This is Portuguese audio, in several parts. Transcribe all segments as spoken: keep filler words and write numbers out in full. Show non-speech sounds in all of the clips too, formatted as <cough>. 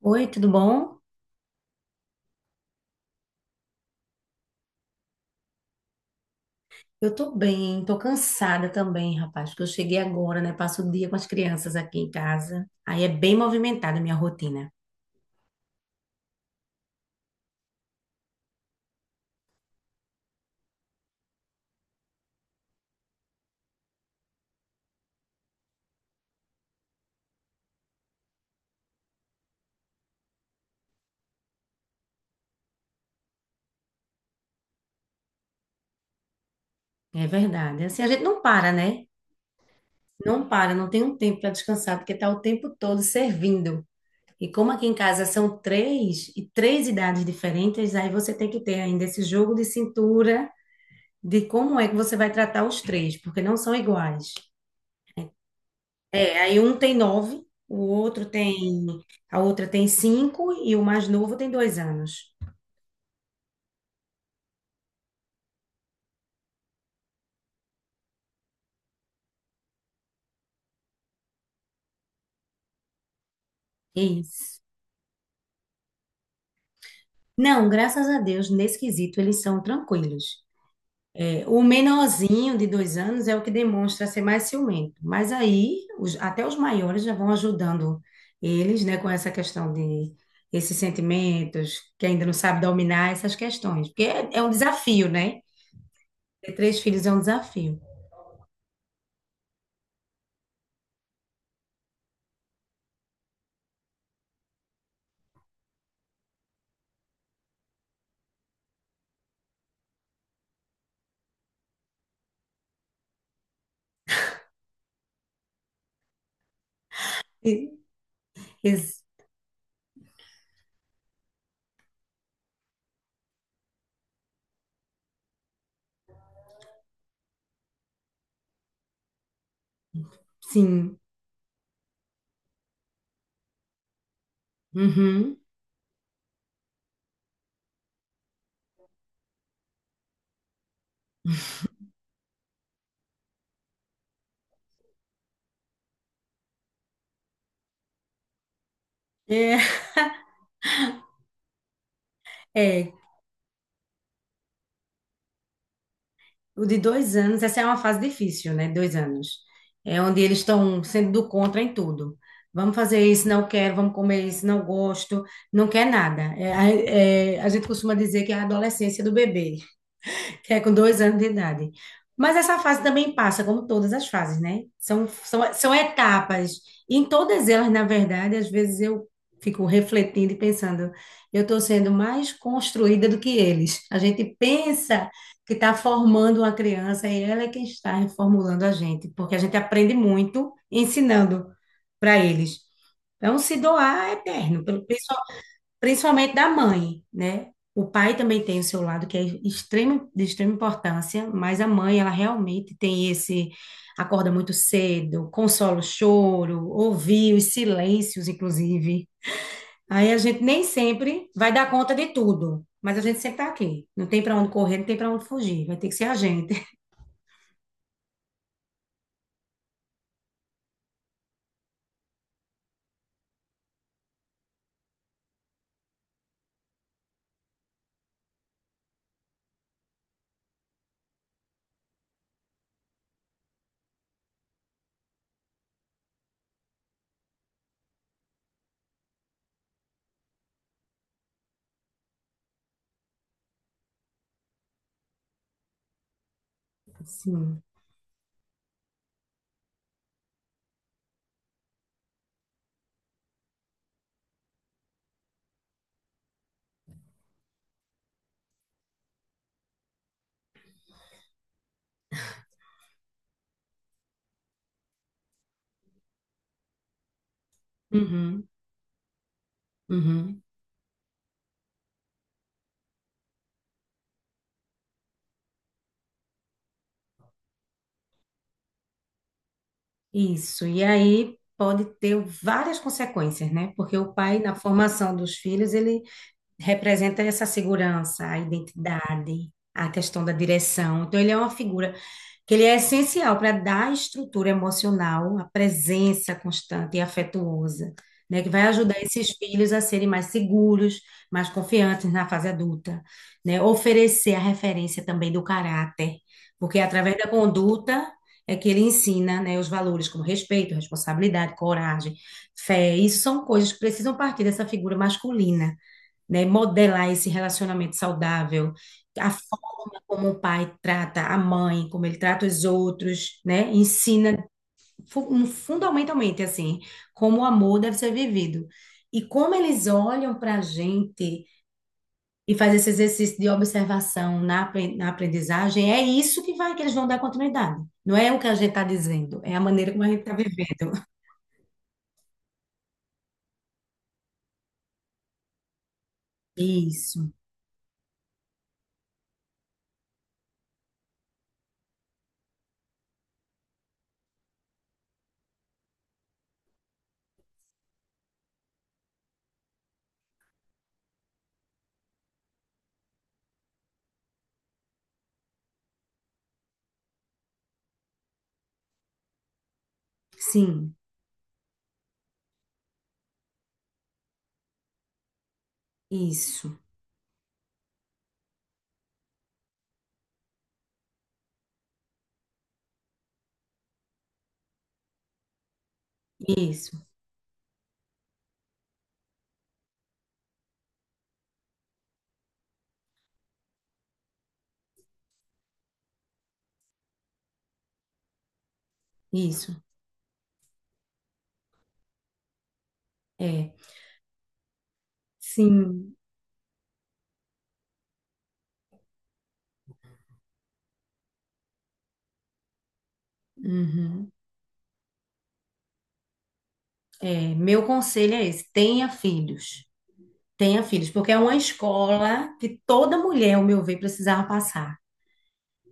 Oi, tudo bom? Eu tô bem, tô cansada também, rapaz, porque eu cheguei agora, né? Passo o dia com as crianças aqui em casa. Aí é bem movimentada a minha rotina. É verdade. Assim, a gente não para, né? Não para, não tem um tempo para descansar, porque tá o tempo todo servindo. E como aqui em casa são três e três idades diferentes, aí você tem que ter ainda esse jogo de cintura de como é que você vai tratar os três, porque não são iguais. É, aí um tem nove, o outro tem a outra tem cinco e o mais novo tem dois anos. É isso. Não, graças a Deus, nesse quesito eles são tranquilos. É, o menorzinho de dois anos é o que demonstra ser mais ciumento, mas aí os- até os maiores já vão ajudando eles, né, com essa questão de esses sentimentos, que ainda não sabe dominar essas questões, porque é, é um desafio, né? Ter três filhos é um desafio. E- ex- sim. Uhum. É, é, O de dois anos, essa é uma fase difícil, né? Dois anos. É onde eles estão sendo do contra em tudo. Vamos fazer isso, não quero, vamos comer isso, não gosto, não quer nada. É, a, é, a gente costuma dizer que é a adolescência do bebê que é com dois anos de idade. Mas essa fase também passa, como todas as fases, né? São, são, são etapas. E em todas elas, na verdade, às vezes eu fico refletindo e pensando, eu estou sendo mais construída do que eles. A gente pensa que está formando uma criança e ela é quem está reformulando a gente, porque a gente aprende muito ensinando para eles. Então, se doar é eterno, pelo- principalmente da mãe, né? O pai também tem o seu lado, que é extremo, de extrema importância, mas a mãe, ela realmente tem esse, acorda muito cedo, consola o choro, ouvir os silêncios, inclusive. Aí a gente nem sempre vai dar conta de tudo, mas a gente sempre tá aqui. Não tem para onde correr, não tem para onde fugir, vai ter que ser a gente. <laughs> Sim. Uhum, uhum. Isso. E aí pode ter várias consequências, né? Porque o pai, na formação dos filhos, ele representa essa segurança, a identidade, a questão da direção. Então, ele é uma figura que ele é essencial para dar estrutura emocional, a presença constante e afetuosa, né, que vai ajudar esses filhos a serem mais seguros, mais confiantes na fase adulta, né? Oferecer a referência também do caráter, porque é através da conduta é que ele ensina, né, os valores como respeito, responsabilidade, coragem, fé. Isso são coisas que precisam partir dessa figura masculina, né, modelar esse relacionamento saudável, a forma como o pai trata a mãe, como ele trata os outros, né, ensina fu- fundamentalmente assim como o amor deve ser vivido e como eles olham para a gente e faz esse exercício de observação na, apren- na aprendizagem, é isso que vai que eles vão dar continuidade. Não é o que a gente está dizendo, é a maneira como a gente está vivendo. Isso, sim, isso, isso, isso, é, sim, uhum. Meu conselho é esse: tenha filhos. Tenha filhos, porque é uma escola que toda mulher, ao meu ver, precisava passar,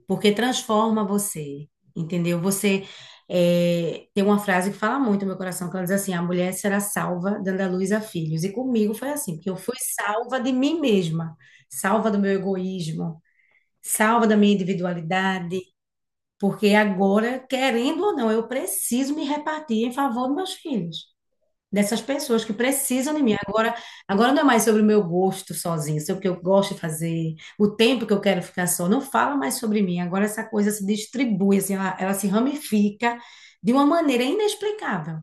porque transforma você, entendeu? Você é, tem uma frase que fala muito no meu coração, que ela diz assim: a mulher será salva dando à luz a filhos. E comigo foi assim, porque eu fui salva de mim mesma, salva do meu egoísmo, salva da minha individualidade, porque agora, querendo ou não, eu preciso me repartir em favor dos meus filhos, dessas pessoas que precisam de mim. Agora, agora não é mais sobre o meu gosto sozinho, sobre o que eu gosto de fazer, o tempo que eu quero ficar só. Não fala mais sobre mim. Agora essa coisa se distribui, assim, ela, ela se ramifica de uma maneira inexplicável,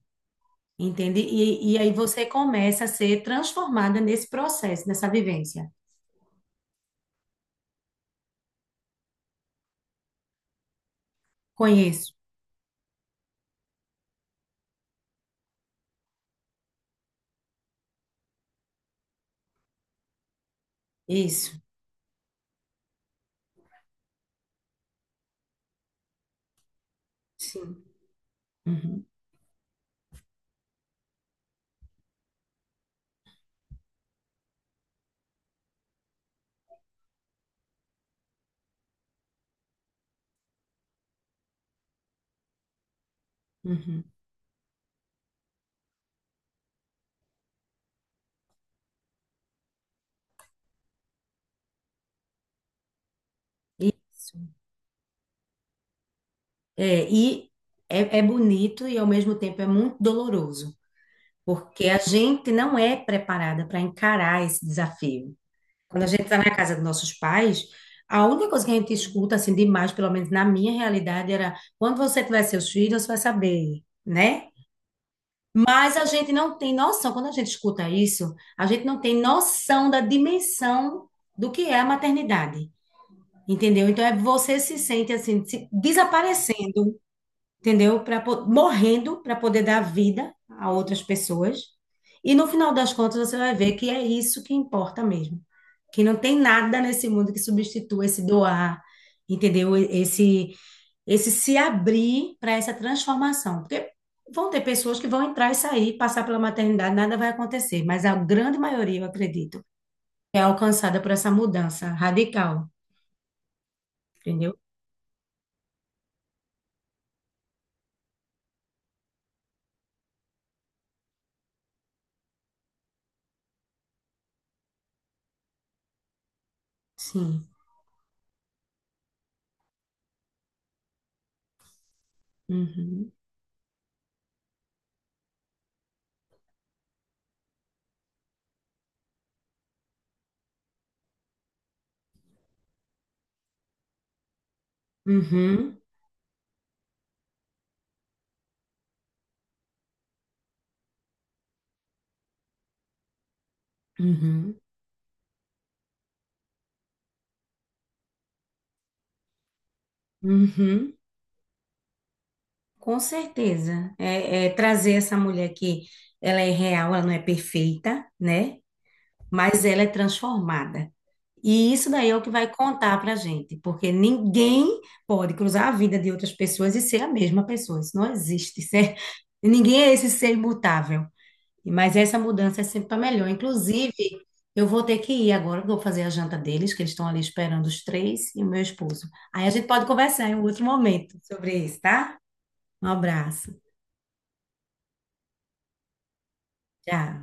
entende? E, e aí você começa a ser transformada nesse processo, nessa vivência. Conheço. Isso. Sim. Uhum, uhum. Isso. É, e é, é bonito e ao mesmo tempo é muito doloroso, porque a gente não é preparada para encarar esse desafio. Quando a gente está na casa dos nossos pais, a única coisa que a gente escuta assim demais, pelo menos na minha realidade, era quando você tiver seus filhos, você vai saber, né? Mas a gente não tem noção, quando a gente escuta isso, a gente não tem noção da dimensão do que é a maternidade, entendeu? Então é você se sente assim, se- desaparecendo, entendeu? Para, morrendo para poder dar vida a outras pessoas. E no final das contas você vai ver que é isso que importa mesmo. Que não tem nada nesse mundo que substitua esse doar, entendeu? Esse esse se abrir para essa transformação. Porque vão ter pessoas que vão entrar e sair, passar pela maternidade, nada vai acontecer, mas a grande maioria, eu acredito, é alcançada por essa mudança radical, entendeu? Sim. Uhum. Uhum. Uhum. Uhum. Com certeza. É, é trazer essa mulher que ela é real, ela não é perfeita, né? Mas ela é transformada. E isso daí é o que vai contar pra gente, porque ninguém pode cruzar a vida de outras pessoas e ser a mesma pessoa. Isso não existe. <laughs> Isso é- Ninguém é esse ser imutável. Mas essa mudança é sempre para melhor. Inclusive, eu vou ter que ir agora, porque eu vou fazer a janta deles, que eles estão ali esperando os três e o meu esposo. Aí a gente pode conversar em um outro momento sobre isso, tá? Um abraço. Já.